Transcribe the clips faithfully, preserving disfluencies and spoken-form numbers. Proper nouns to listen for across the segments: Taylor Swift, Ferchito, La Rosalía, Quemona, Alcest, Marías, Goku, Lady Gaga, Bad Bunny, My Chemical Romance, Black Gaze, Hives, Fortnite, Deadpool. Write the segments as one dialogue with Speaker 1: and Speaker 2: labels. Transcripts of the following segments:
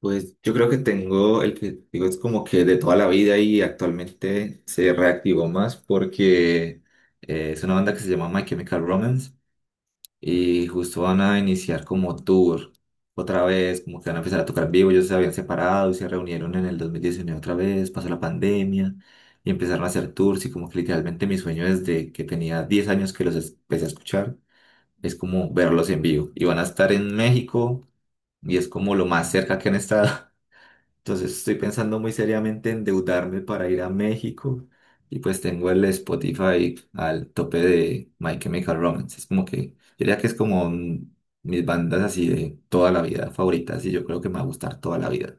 Speaker 1: Pues yo creo que tengo el que digo es como que de toda la vida y actualmente se reactivó más porque eh, es una banda que se llama My Chemical Romance y justo van a iniciar como tour otra vez, como que van a empezar a tocar en vivo. Ellos se habían separado y se reunieron en el dos mil diecinueve otra vez, pasó la pandemia y empezaron a hacer tours y como que literalmente mi sueño desde que tenía diez años que los es- empecé a escuchar es como verlos en vivo y van a estar en México y es como lo más cerca que han estado. Entonces estoy pensando muy seriamente endeudarme para ir a México y pues tengo el Spotify al tope de My Chemical Romance. Es como que, yo diría que es como mm, mis bandas así de toda la vida favoritas y yo creo que me va a gustar toda la vida.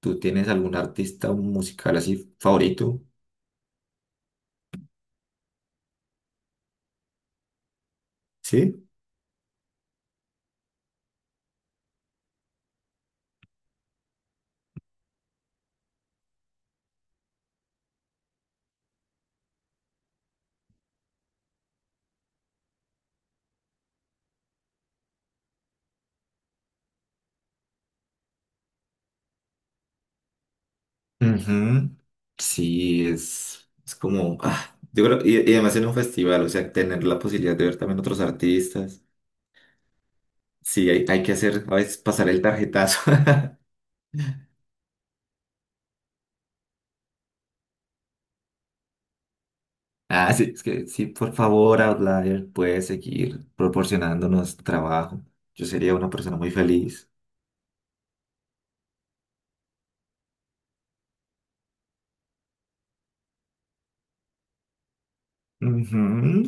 Speaker 1: ¿Tú tienes algún artista musical así favorito? ¿Sí? Ujú. Sí, es, es como, ah, yo creo, y, y además en un festival, o sea, tener la posibilidad de ver también otros artistas. Sí, hay, hay que hacer, a veces pasar el tarjetazo. Ah, sí, es que sí, por favor, Outlier, puede seguir proporcionándonos trabajo. Yo sería una persona muy feliz. Ujú.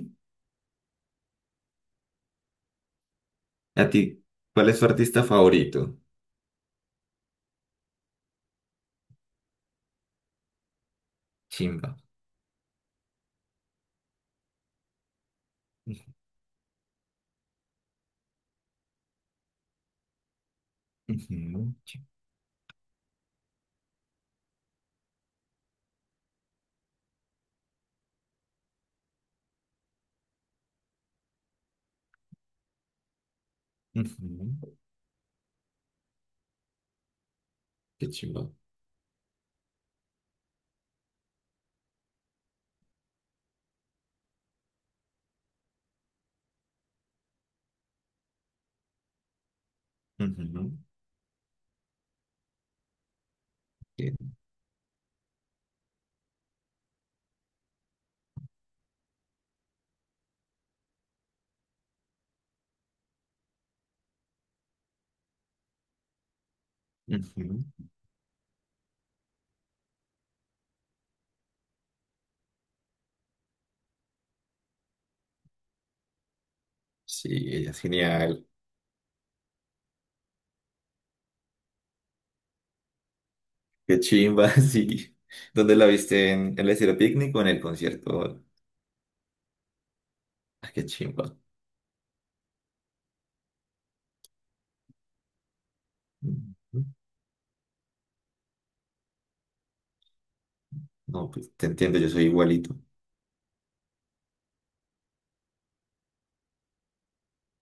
Speaker 1: ¿A ti? ¿Cuál es tu artista favorito? Chimba. Ujú, chi- ujú. Qué chimba. Ujú, qué- ujú. Sí, ella es genial. Qué chimba, sí. ¿Dónde la viste? ¿En en el estilo Picnic o en el concierto? Ah, qué chimba. Ujú. No, pues te entiendo, yo soy igualito.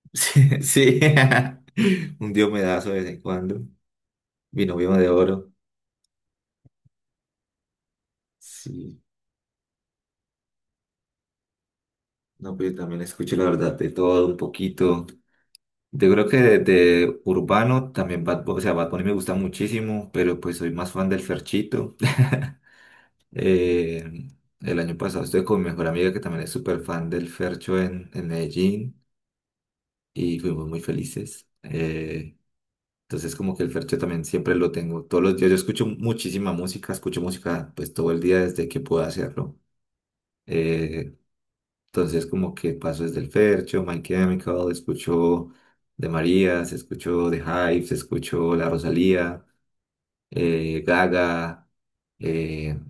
Speaker 1: Sí, sí. Un diomedazo de vez en cuando. Mi novio de oro. Sí. No, pero yo también escucho la verdad de todo un poquito. Yo creo que de, de urbano también Bad Bunny, o sea, Bad Bunny me gusta muchísimo, pero pues soy más fan del Ferchito. Eh, el año pasado estuve con mi mejor amiga que también es súper fan del Fercho en, en Medellín y fuimos muy felices. Eh, Entonces como que el fercho también siempre lo tengo todos los días. Yo escucho muchísima música, escucho música pues todo el día desde que puedo hacerlo. Eh, entonces como que paso desde el fercho, My Chemical, escucho de Marías, escucho de Hives, escucho La Rosalía, eh, Gaga, eh,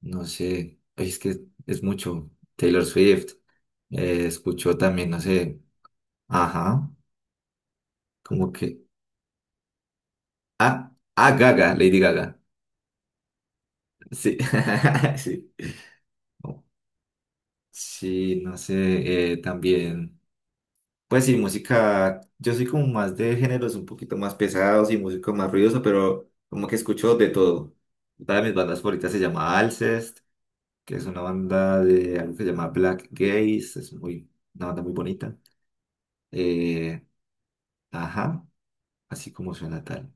Speaker 1: no sé, ay, es que es mucho. Taylor Swift, eh, escucho también, no sé, ajá, como que, ah, ah, Gaga, Lady Gaga, sí, sí. Sí, no sé, eh, también, pues sí, música, yo soy como más de géneros un poquito más pesados y música más ruidosa, pero como que escucho de todo. Una de mis bandas favoritas se llama Alcest, que es una banda de algo que se llama Black Gaze, es muy, una banda muy bonita. Eh, ajá, así como suena tal,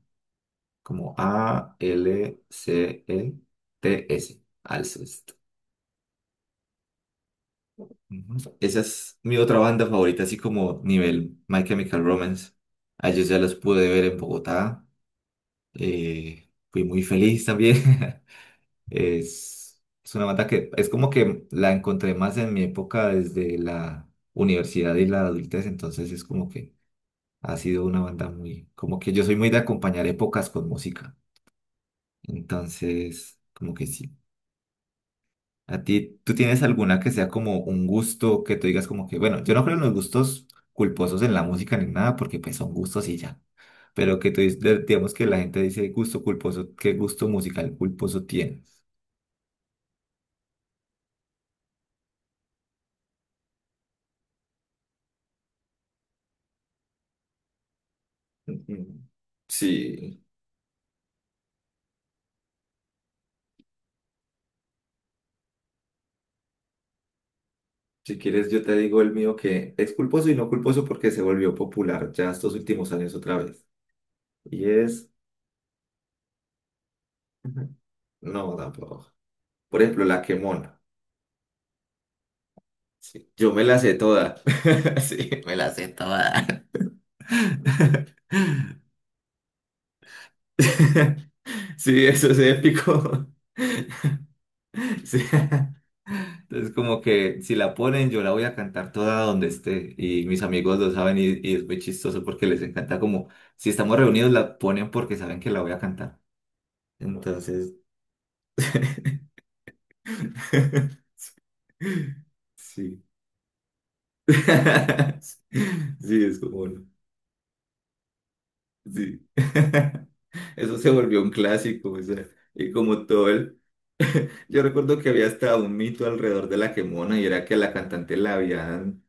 Speaker 1: como A-L-C-E-T-S, Alcest. Ujú. Esa es mi otra banda favorita, así como nivel My Chemical Romance. A ellos ya los pude ver en Bogotá. eh, fui muy feliz también. Es, es una banda que es como que la encontré más en mi época desde la universidad y la adultez, entonces es como que ha sido una banda muy, como que yo soy muy de acompañar épocas con música. Entonces, como que sí. A ti, ¿tú tienes alguna que sea como un gusto que tú digas como que, bueno, yo no creo en los gustos culposos en la música ni nada, porque pues son gustos y ya. Pero que tú dices, de- digamos que la gente dice gusto culposo, ¿qué gusto musical culposo tienes? Ujú. Sí, si quieres yo te digo el mío que es culposo y no culposo porque se volvió popular ya estos últimos años otra vez. Y es... Ujú. No, tampoco. Por ejemplo, la quemona. Sí. Yo me la sé toda. Sí, me la sé toda. Sí, eso es épico. Sí. Entonces, como que si la ponen, yo la voy a cantar toda donde esté. Y mis amigos lo saben y, y es muy chistoso porque les encanta como, si estamos reunidos, la ponen porque saben que la voy a cantar. Entonces, sí. Sí, es como... bueno. Sí. Eso se volvió un clásico, o sea, y como todo el... Yo recuerdo que había hasta un mito alrededor de la Quemona y era que a la cantante la habían,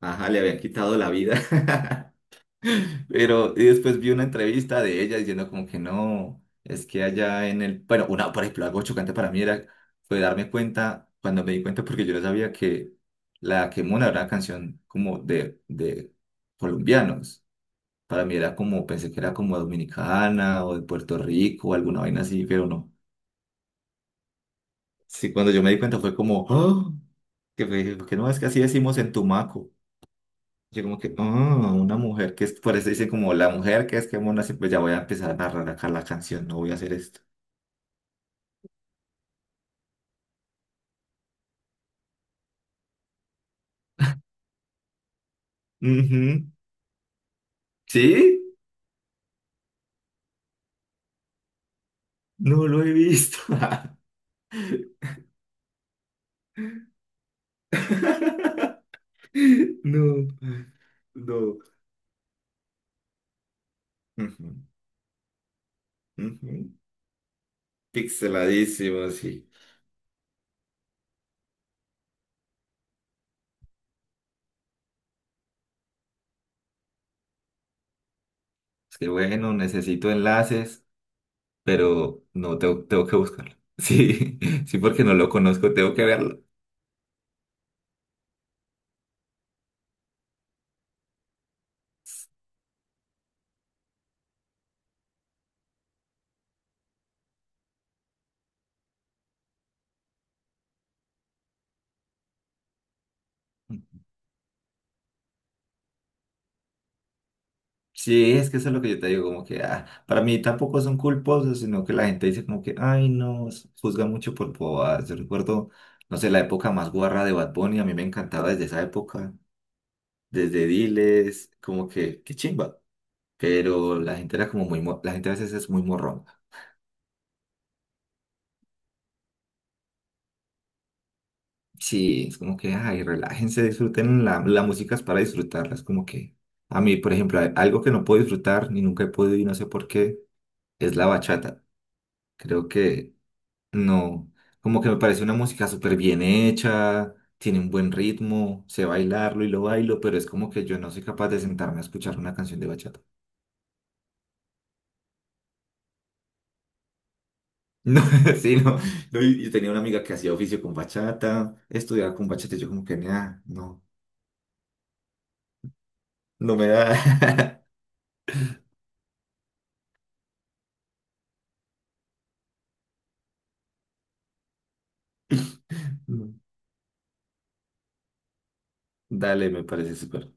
Speaker 1: ajá, le habían quitado la vida. Pero y después vi una entrevista de ella diciendo como que no, es que allá en el, bueno, una, por ejemplo, algo chocante para mí era, fue darme cuenta, cuando me di cuenta, porque yo no sabía que la Quemona era una canción como de, de colombianos. Para mí era como, pensé que era como dominicana o de Puerto Rico o alguna vaina así, pero no. Sí, cuando yo me di cuenta fue como, "Ah", que, fue- que no, es que así decimos en Tumaco. Yo como que, ah, una mujer que es, por eso dice como la mujer que es que mona, sí, pues ya voy a empezar a narrar acá la canción, no voy a hacer esto. Ujú. ¿Sí? No lo he visto. No, no. Ujú, ujú. Pixeladísimo, sí. Es que bueno, necesito enlaces. Pero no, tengo, tengo que buscarlo. Sí, sí, porque no lo conozco, tengo que verlo. Sí, es que eso es lo que yo te digo, como que ah, para mí tampoco son culposos, sino que la gente dice como que, ay, no, s- juzga mucho por bobadas. Yo recuerdo, no sé, la época más guarra de Bad Bunny, a mí me encantaba desde esa época, desde Diles, como que, qué chimba. Pero la gente era como muy, mo- la gente a veces es muy morrón. Sí, es como que, ay, relájense, disfruten, la, la música es para disfrutarla, es como que, a mí, por ejemplo, a- algo que no puedo disfrutar, ni nunca he podido y no sé por qué, es la bachata. Creo que no, como que me parece una música súper bien hecha, tiene un buen ritmo, sé bailarlo y lo bailo, pero es como que yo no soy capaz de sentarme a escuchar una canción de bachata. No, sí, no, no, y- y tenía una amiga que hacía oficio con bachata, estudiaba con bachata, y yo como que, nah, no, no me da. Dale, me parece súper.